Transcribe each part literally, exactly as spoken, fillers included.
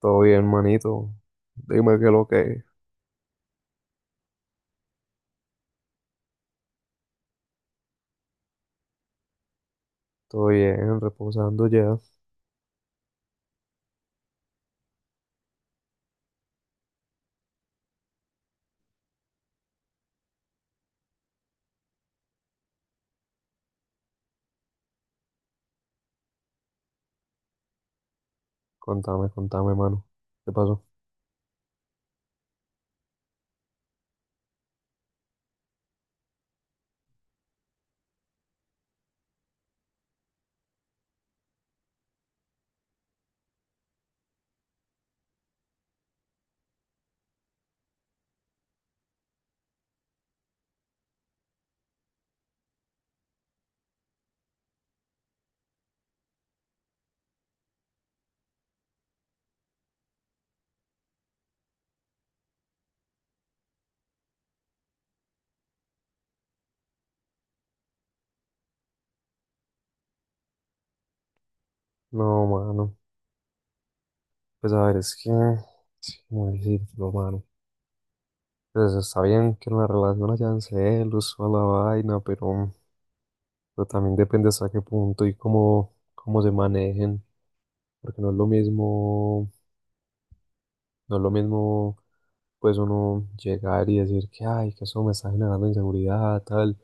Todo bien, manito. Dime qué es lo que es. Todo bien, reposando ya. Contame, contame, mano. ¿Qué pasó? No, mano. Pues a ver, es que... Sí, cómo decirlo, mano. Pues está bien que en la relación hayan celos o la vaina, pero, pero también depende hasta qué punto y cómo, cómo se manejen. Porque no es lo mismo... No es lo mismo, pues uno llegar y decir que, ay, que eso me está generando inseguridad, tal,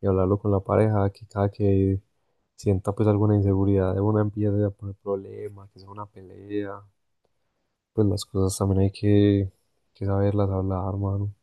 y hablarlo con la pareja, que cada que sienta pues alguna inseguridad de una empiece a poner problemas, que sea una pelea, pues las cosas también hay que, que saberlas hablar, hermano.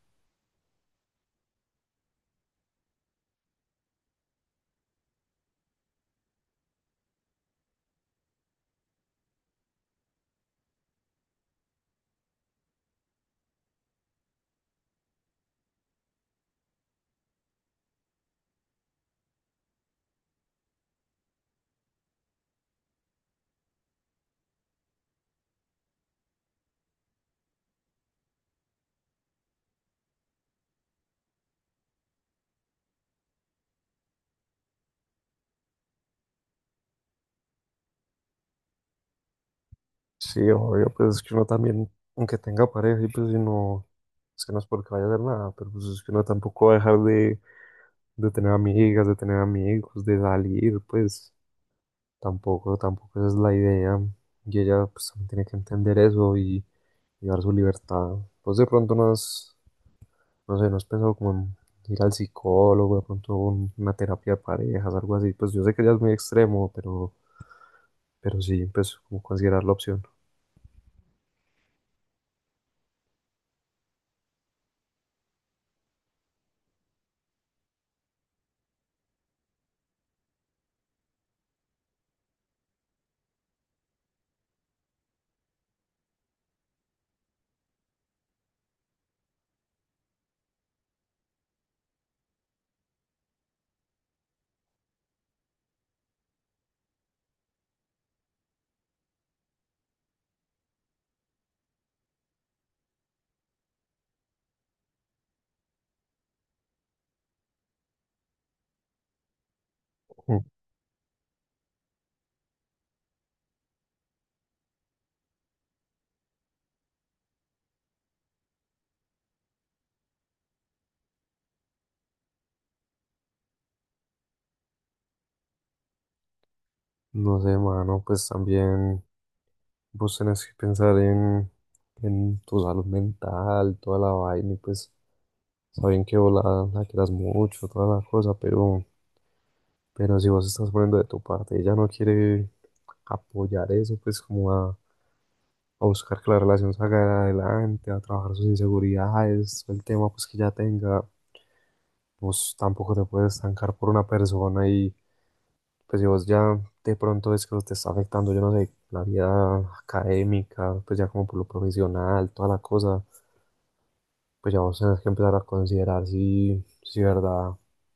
Sí, obvio, pues es que uno también, aunque tenga pareja y pues si no, es que no es porque vaya a hacer nada, pero pues es que uno tampoco va a dejar de, de tener amigas, de tener amigos, de salir, pues tampoco, tampoco esa es la idea. Y ella pues también tiene que entender eso y, y dar su libertad. Pues de pronto no has, No sé, ¿no has pensado como en ir al psicólogo, de pronto un- una terapia de parejas, algo así? Pues yo sé que ya es muy extremo, pero, pero sí, pues como considerar la opción. Mm. No sé, mano, pues también vos tenés que pensar en, en tu salud mental, toda la vaina, y pues saben que vos la, la quieras mucho, toda la cosa, pero, pero si vos estás poniendo de tu parte, ella no quiere apoyar eso, pues como a a buscar que la relación salga adelante, a trabajar sus inseguridades, el tema pues que ya tenga, vos tampoco te puedes estancar por una persona y pues si vos ya de pronto ves que te está afectando, yo no sé, la vida académica, pues ya como por lo profesional, toda la cosa, pues ya vos tenés que empezar a considerar si, si verdad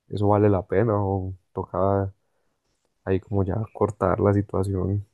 eso vale la pena o toca ahí como ya cortar la situación.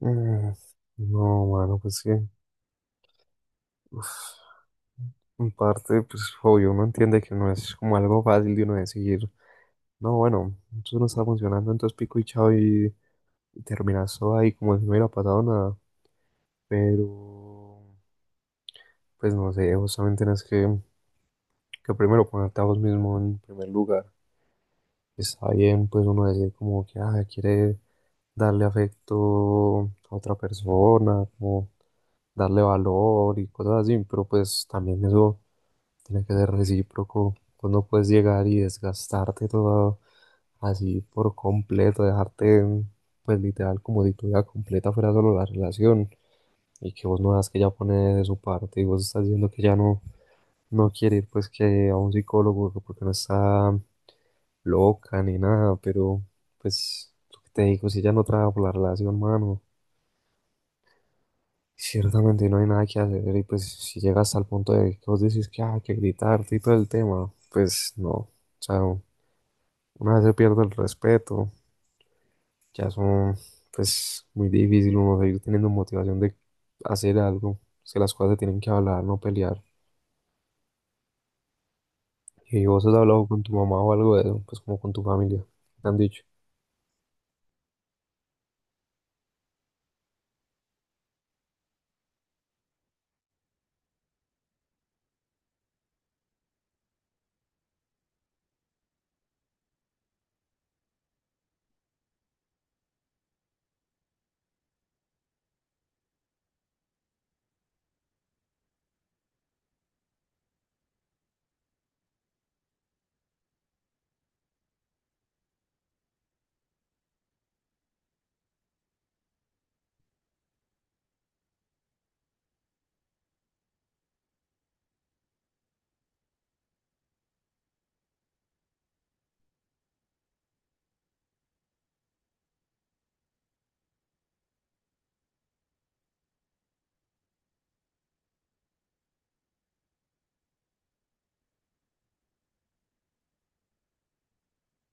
Mm. No, mano, pues sí, uf, en parte, pues obvio, uno entiende que no es como algo fácil de uno decir, no, bueno, eso no está funcionando, entonces pico y chao y, y terminas todo ahí como si no hubiera pasado nada. Pero, pues no sé, justamente tienes que, que primero ponerte a vos mismo en primer lugar. Está bien, pues uno decir como que ah, quiere darle afecto a otra persona, como darle valor y cosas así, pero pues también eso tiene que ser recíproco. Tú no puedes llegar y desgastarte todo así por completo, dejarte pues literal, como si tu vida completa fuera solo la relación y que vos no das que ella pone de su parte y vos estás diciendo que ya no, no quiere ir pues que a un psicólogo que porque no está loca ni nada, pero pues lo que te digo, si ella no trabaja por la relación, mano, ciertamente no hay nada que hacer y pues si llegas al punto de que vos decís que "ah, hay que gritarte y todo el tema", pues no, o sea, una vez se pierde el respeto, ya son, pues, muy difícil uno seguir teniendo motivación de hacer algo. Es que las cosas se tienen que hablar, no pelear. ¿Y vos has hablado con tu mamá o algo de eso, pues como con tu familia, qué te han dicho?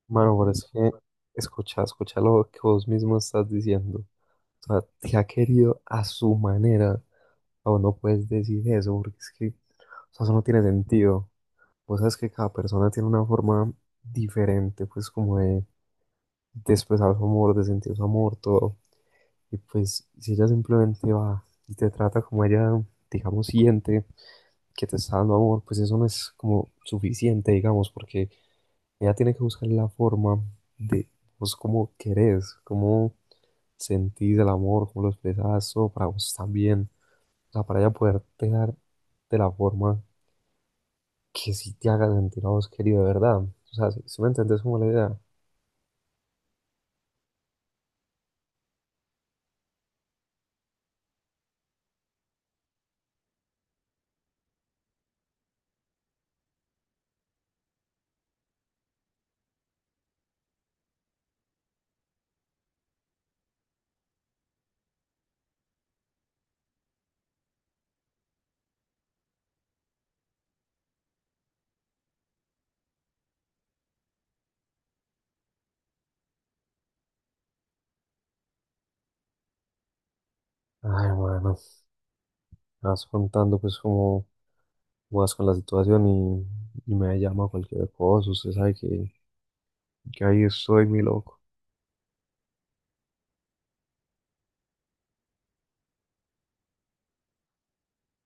Mano, pero es que escucha, escucha lo que vos mismo estás diciendo. O sea, te ha querido a su manera. O no puedes decir eso, porque es que, o sea, eso no tiene sentido. Vos sabes que cada persona tiene una forma diferente, pues como de de expresar su amor, de sentir su amor, todo. Y pues si ella simplemente va y te trata como ella, digamos, siente que te está dando amor, pues eso no es como suficiente, digamos, porque ella tiene que buscar la forma de vos cómo querés, cómo sentís el amor, cómo lo expresás, todo para vos también. O sea, para ella poderte dar de la forma que sí te haga sentir a vos querido de verdad. O sea, si, si me entendés como la idea. Ay, bueno, me vas contando pues como más con la situación y, y me llama cualquier cosa. Usted sabe que, que ahí estoy, mi loco.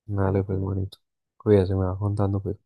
Dale, pues, manito. Cuídese, me va contando, pues.